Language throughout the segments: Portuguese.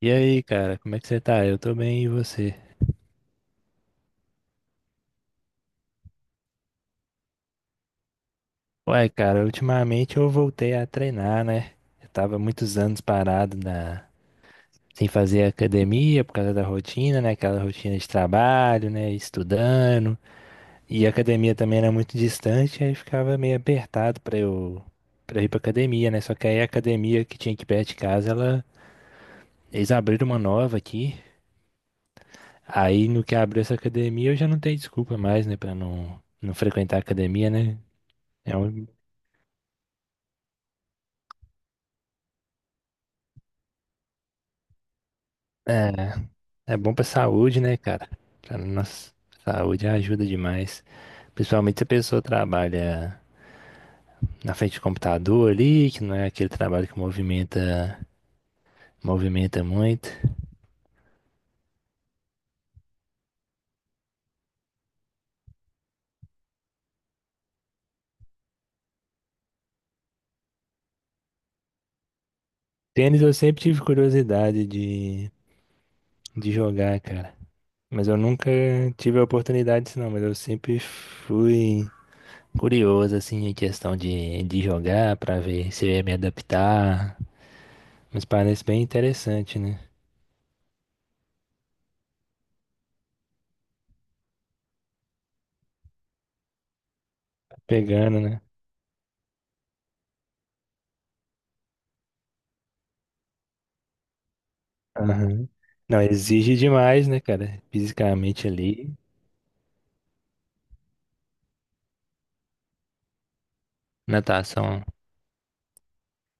E aí, cara, como é que você tá? Eu tô bem, e você? Ué, cara, ultimamente eu voltei a treinar, né? Eu tava muitos anos parado sem fazer academia por causa da rotina, né? Aquela rotina de trabalho, né? Estudando. E a academia também era muito distante, aí ficava meio apertado pra eu ir pra academia, né? Só que aí a academia que tinha aqui perto de casa, eles abriram uma nova aqui. Aí no que abriu essa academia eu já não tenho desculpa mais, né? Pra não frequentar a academia, né? É um- É, é bom pra saúde, né, cara? Pra nossa saúde ajuda demais. Principalmente se a pessoa trabalha na frente do computador ali, que não é aquele trabalho que movimenta muito. Tênis eu sempre tive curiosidade de jogar, cara. Mas eu nunca tive a oportunidade disso, não. Mas eu sempre fui curioso, assim, em questão de jogar pra ver se eu ia me adaptar. Mas parece bem interessante, né? Pegando, né? Aham. Não, exige demais, né, cara? Fisicamente ali. Natação.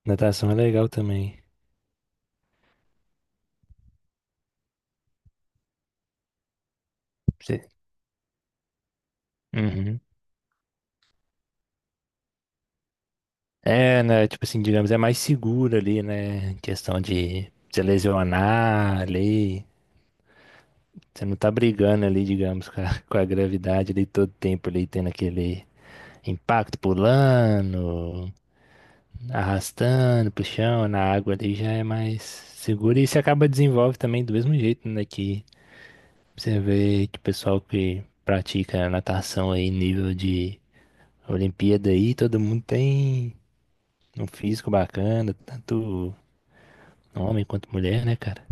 Natação é legal também. Você- Uhum. É, né? Tipo assim, digamos, é mais seguro ali, né? Em questão de se lesionar ali. Você não tá brigando ali, digamos, com a, com a gravidade ali todo tempo ali, tendo aquele impacto pulando, arrastando pro chão, na água ali já é mais seguro. E você acaba desenvolve também do mesmo jeito, né? Que Você vê que o pessoal que pratica natação aí, nível de Olimpíada aí, todo mundo tem um físico bacana, tanto homem quanto mulher, né, cara?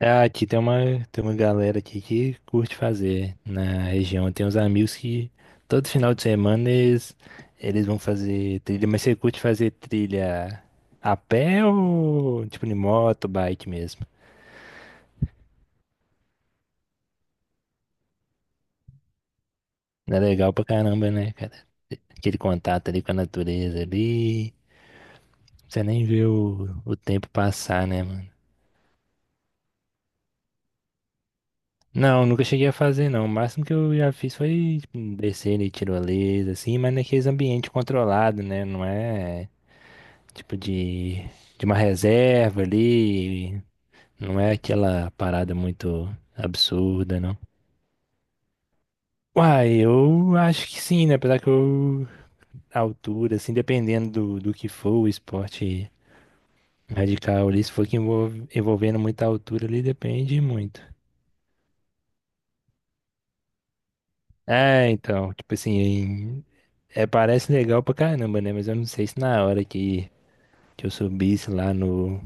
Ah, aqui tem uma galera aqui que curte fazer na região. Tem uns amigos que todo final de semana eles vão fazer trilha, mas você curte fazer trilha a pé ou tipo de moto, bike mesmo? É legal pra caramba, né, cara? Aquele contato ali com a natureza ali. Você nem vê o tempo passar, né, mano? Não, nunca cheguei a fazer, não. O máximo que eu já fiz foi tipo, descer de tirolesa, assim, mas naqueles ambientes controlados, né? Não é tipo de uma reserva ali, não é aquela parada muito absurda, não. Uai, eu acho que sim, né? Apesar que eu, a altura, assim, dependendo do que for o esporte radical ali, se for que envolvendo muita altura ali, depende muito. É, então, tipo assim, é, parece legal pra caramba, né? Mas eu não sei se na hora que eu subisse lá no,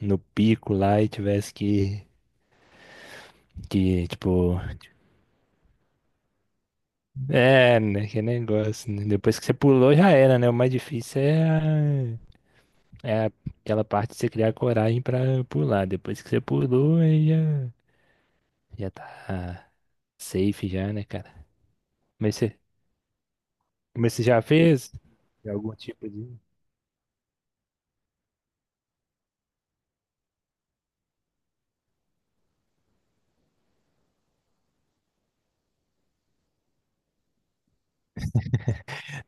no pico lá e tivesse que, tipo, é, né? Que negócio, né? Depois que você pulou já era, né? O mais difícil é aquela parte de você criar coragem pra pular. Depois que você pulou, aí já tá safe já, né, cara? Mas você, mas você já fez algum tipo de.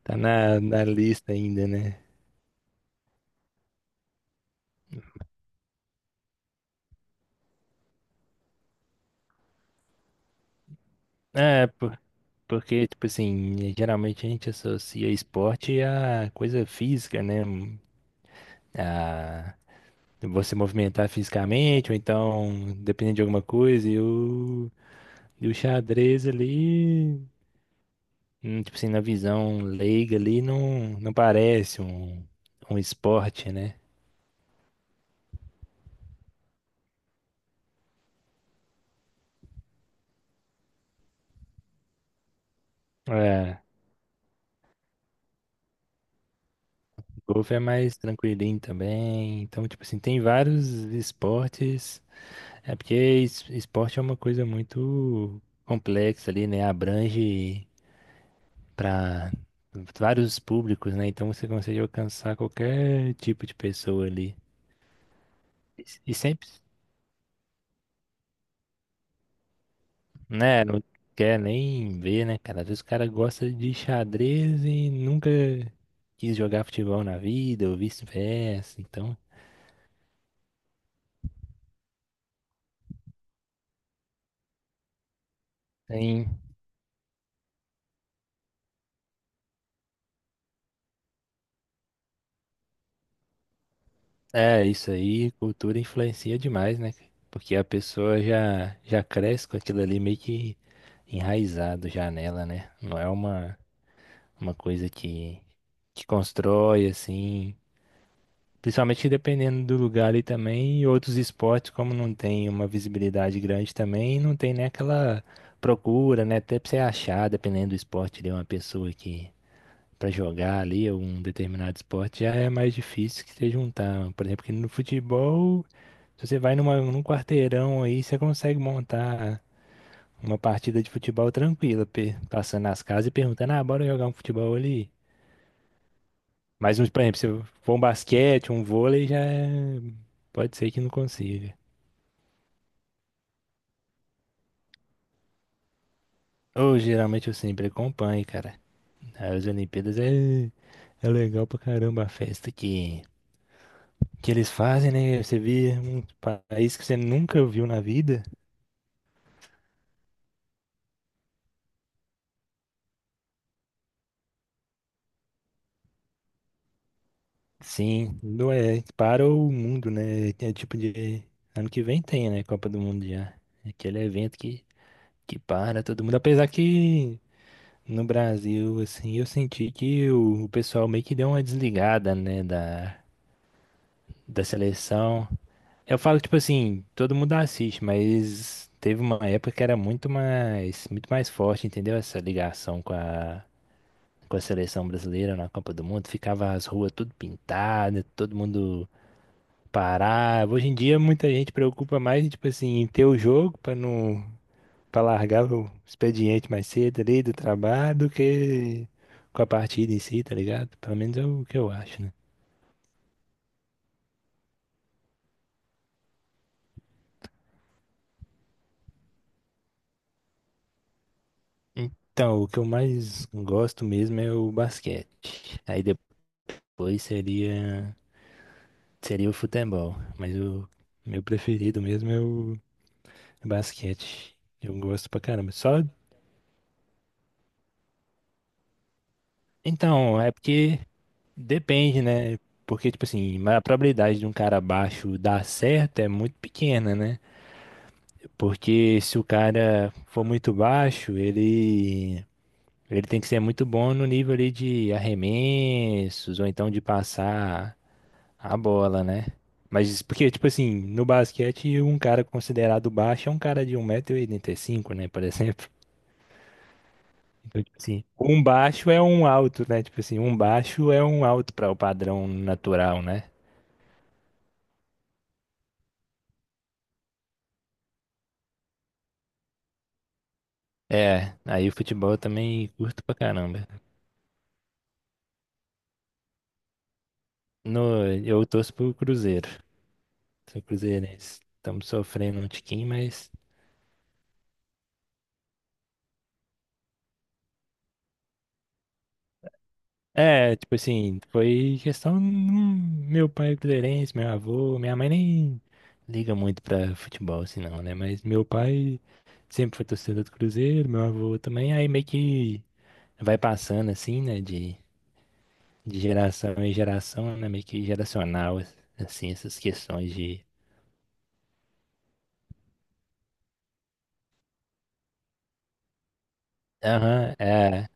Tá na lista ainda, né? É, porque, tipo assim, geralmente a gente associa esporte a coisa física, né? A você movimentar fisicamente, ou então, dependendo de alguma coisa, e o xadrez ali, tipo assim, na visão leiga ali, não parece um esporte, né? É, golfe é mais tranquilinho também. Então, tipo assim, tem vários esportes. É porque esporte é uma coisa muito complexa ali, né? Abrange para vários públicos, né? Então você consegue alcançar qualquer tipo de pessoa ali. E sempre, né? Não quer nem ver, né, cara? Às vezes o cara gosta de xadrez e nunca quis jogar futebol na vida, ou vice-versa. Então, tem. É, isso aí, cultura influencia demais, né? Porque a pessoa já cresce com aquilo ali meio que enraizado já nela, né? Não é uma coisa que constrói, assim. Principalmente dependendo do lugar ali também, e outros esportes, como não tem uma visibilidade grande também, não tem nem aquela procura, né? Até pra você achar, dependendo do esporte, de uma pessoa que pra jogar ali, ou um determinado esporte, já é mais difícil que você juntar. Por exemplo, que no futebol. Se você vai numa, num quarteirão aí, você consegue montar uma partida de futebol tranquila, passando nas casas e perguntando, ah, bora jogar um futebol ali. Mas, por exemplo, se for um basquete, um vôlei, pode ser que não consiga. Ou geralmente eu sempre acompanho, cara. As Olimpíadas é legal pra caramba a festa que eles fazem, né? Você vê um país que você nunca viu na vida. Sim, é, para o mundo, né? É tipo de. Ano que vem tem, né? Copa do Mundo já. É aquele evento que para todo mundo. Apesar que no Brasil, assim, eu senti que o pessoal meio que deu uma desligada, né? Da seleção. Eu falo, tipo assim, todo mundo assiste, mas teve uma época que era muito mais forte, entendeu? Essa ligação com a seleção brasileira na Copa do Mundo, ficava as ruas tudo pintadas, todo mundo parar. Hoje em dia muita gente preocupa mais, em, tipo assim, em ter o jogo pra não para largar o expediente mais cedo ali do trabalho do que com a partida em si, tá ligado? Pelo menos é o que eu acho, né? Então, o que eu mais gosto mesmo é o basquete. Aí depois seria o futebol, mas o meu preferido mesmo é o basquete. Eu gosto pra caramba. Só. Então, é porque depende, né? Porque, tipo assim, mas a probabilidade de um cara baixo dar certo é muito pequena, né? Porque se o cara for muito baixo, ele tem que ser muito bom no nível ali de arremessos ou então de passar a bola, né? Mas porque, tipo assim, no basquete, um cara considerado baixo é um cara de 1,85 m, né? Por exemplo. Então, tipo assim, um baixo é um alto, né? Tipo assim, um baixo é um alto para o padrão natural, né? É, aí o futebol eu também curto pra caramba. No, eu torço pro Cruzeiro. Sou cruzeirense. Estamos sofrendo um tiquinho, mas. É, tipo assim, foi questão. Meu pai é cruzeirense, meu avô, minha mãe nem liga muito pra futebol, assim não, né? Mas meu pai sempre foi torcedor do Cruzeiro, meu avô também, aí meio que vai passando, assim, né? De geração em geração, né? Meio que geracional, assim, essas questões de. Aham, é.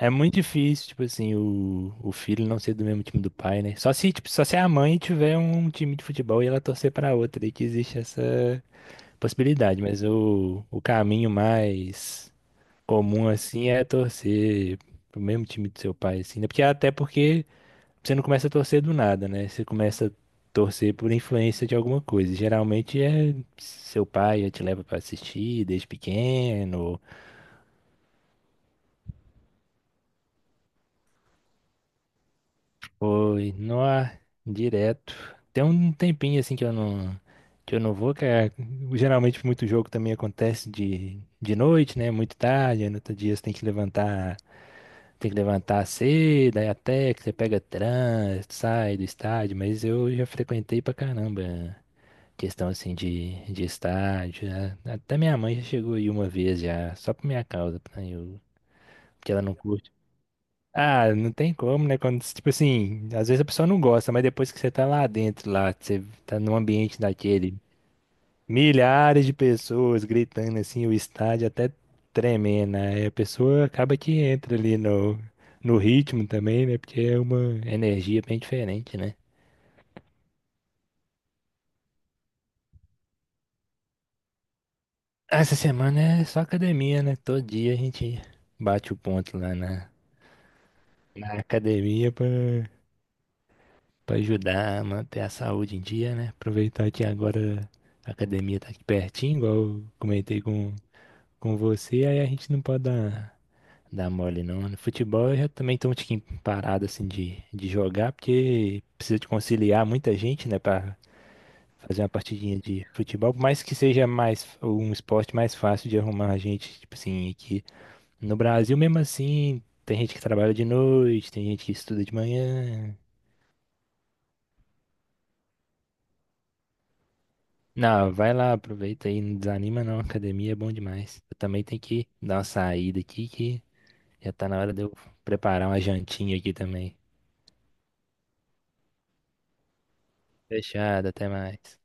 É muito difícil, tipo assim, o filho não ser do mesmo time do pai, né? Só se, tipo, só se a mãe tiver um time de futebol e ela torcer pra outra, daí que existe essa possibilidade. Mas o caminho mais comum, assim, é torcer pro mesmo time do seu pai, assim, né? Porque até porque você não começa a torcer do nada, né? Você começa a torcer por influência de alguma coisa. Geralmente é seu pai já te leva pra assistir desde pequeno. Foi, nó, direto. Tem um tempinho assim que eu não vou, geralmente muito jogo também acontece de noite, né? Muito tarde, aí no outro dia você tem que levantar cedo, aí até que você pega trânsito, sai do estádio, mas eu já frequentei pra caramba questão assim de estádio, né? Até minha mãe já chegou aí uma vez já, só por minha causa, né? Porque ela não curte. Ah, não tem como, né? Quando, tipo assim, às vezes a pessoa não gosta, mas depois que você tá lá dentro, lá, que você tá num ambiente daquele, milhares de pessoas gritando assim, o estádio até tremendo, né? Aí a pessoa acaba que entra ali no ritmo também, né? Porque é uma energia bem diferente, né? Essa semana é só academia, né? Todo dia a gente bate o ponto lá na academia pra ajudar a manter a saúde em dia, né? Aproveitar que agora a academia tá aqui pertinho, igual eu comentei com você, aí a gente não pode dar mole não. No futebol eu já também tô um tiquinho parado assim de jogar, porque precisa de conciliar muita gente, né, pra fazer uma partidinha de futebol, por mais que seja mais um esporte mais fácil de arrumar a gente, tipo assim, aqui no Brasil mesmo assim, tem gente que trabalha de noite, tem gente que estuda de manhã. Não, vai lá, aproveita aí, não desanima não, academia é bom demais. Eu também tenho que dar uma saída aqui que já tá na hora de eu preparar uma jantinha aqui também. Fechado, até mais.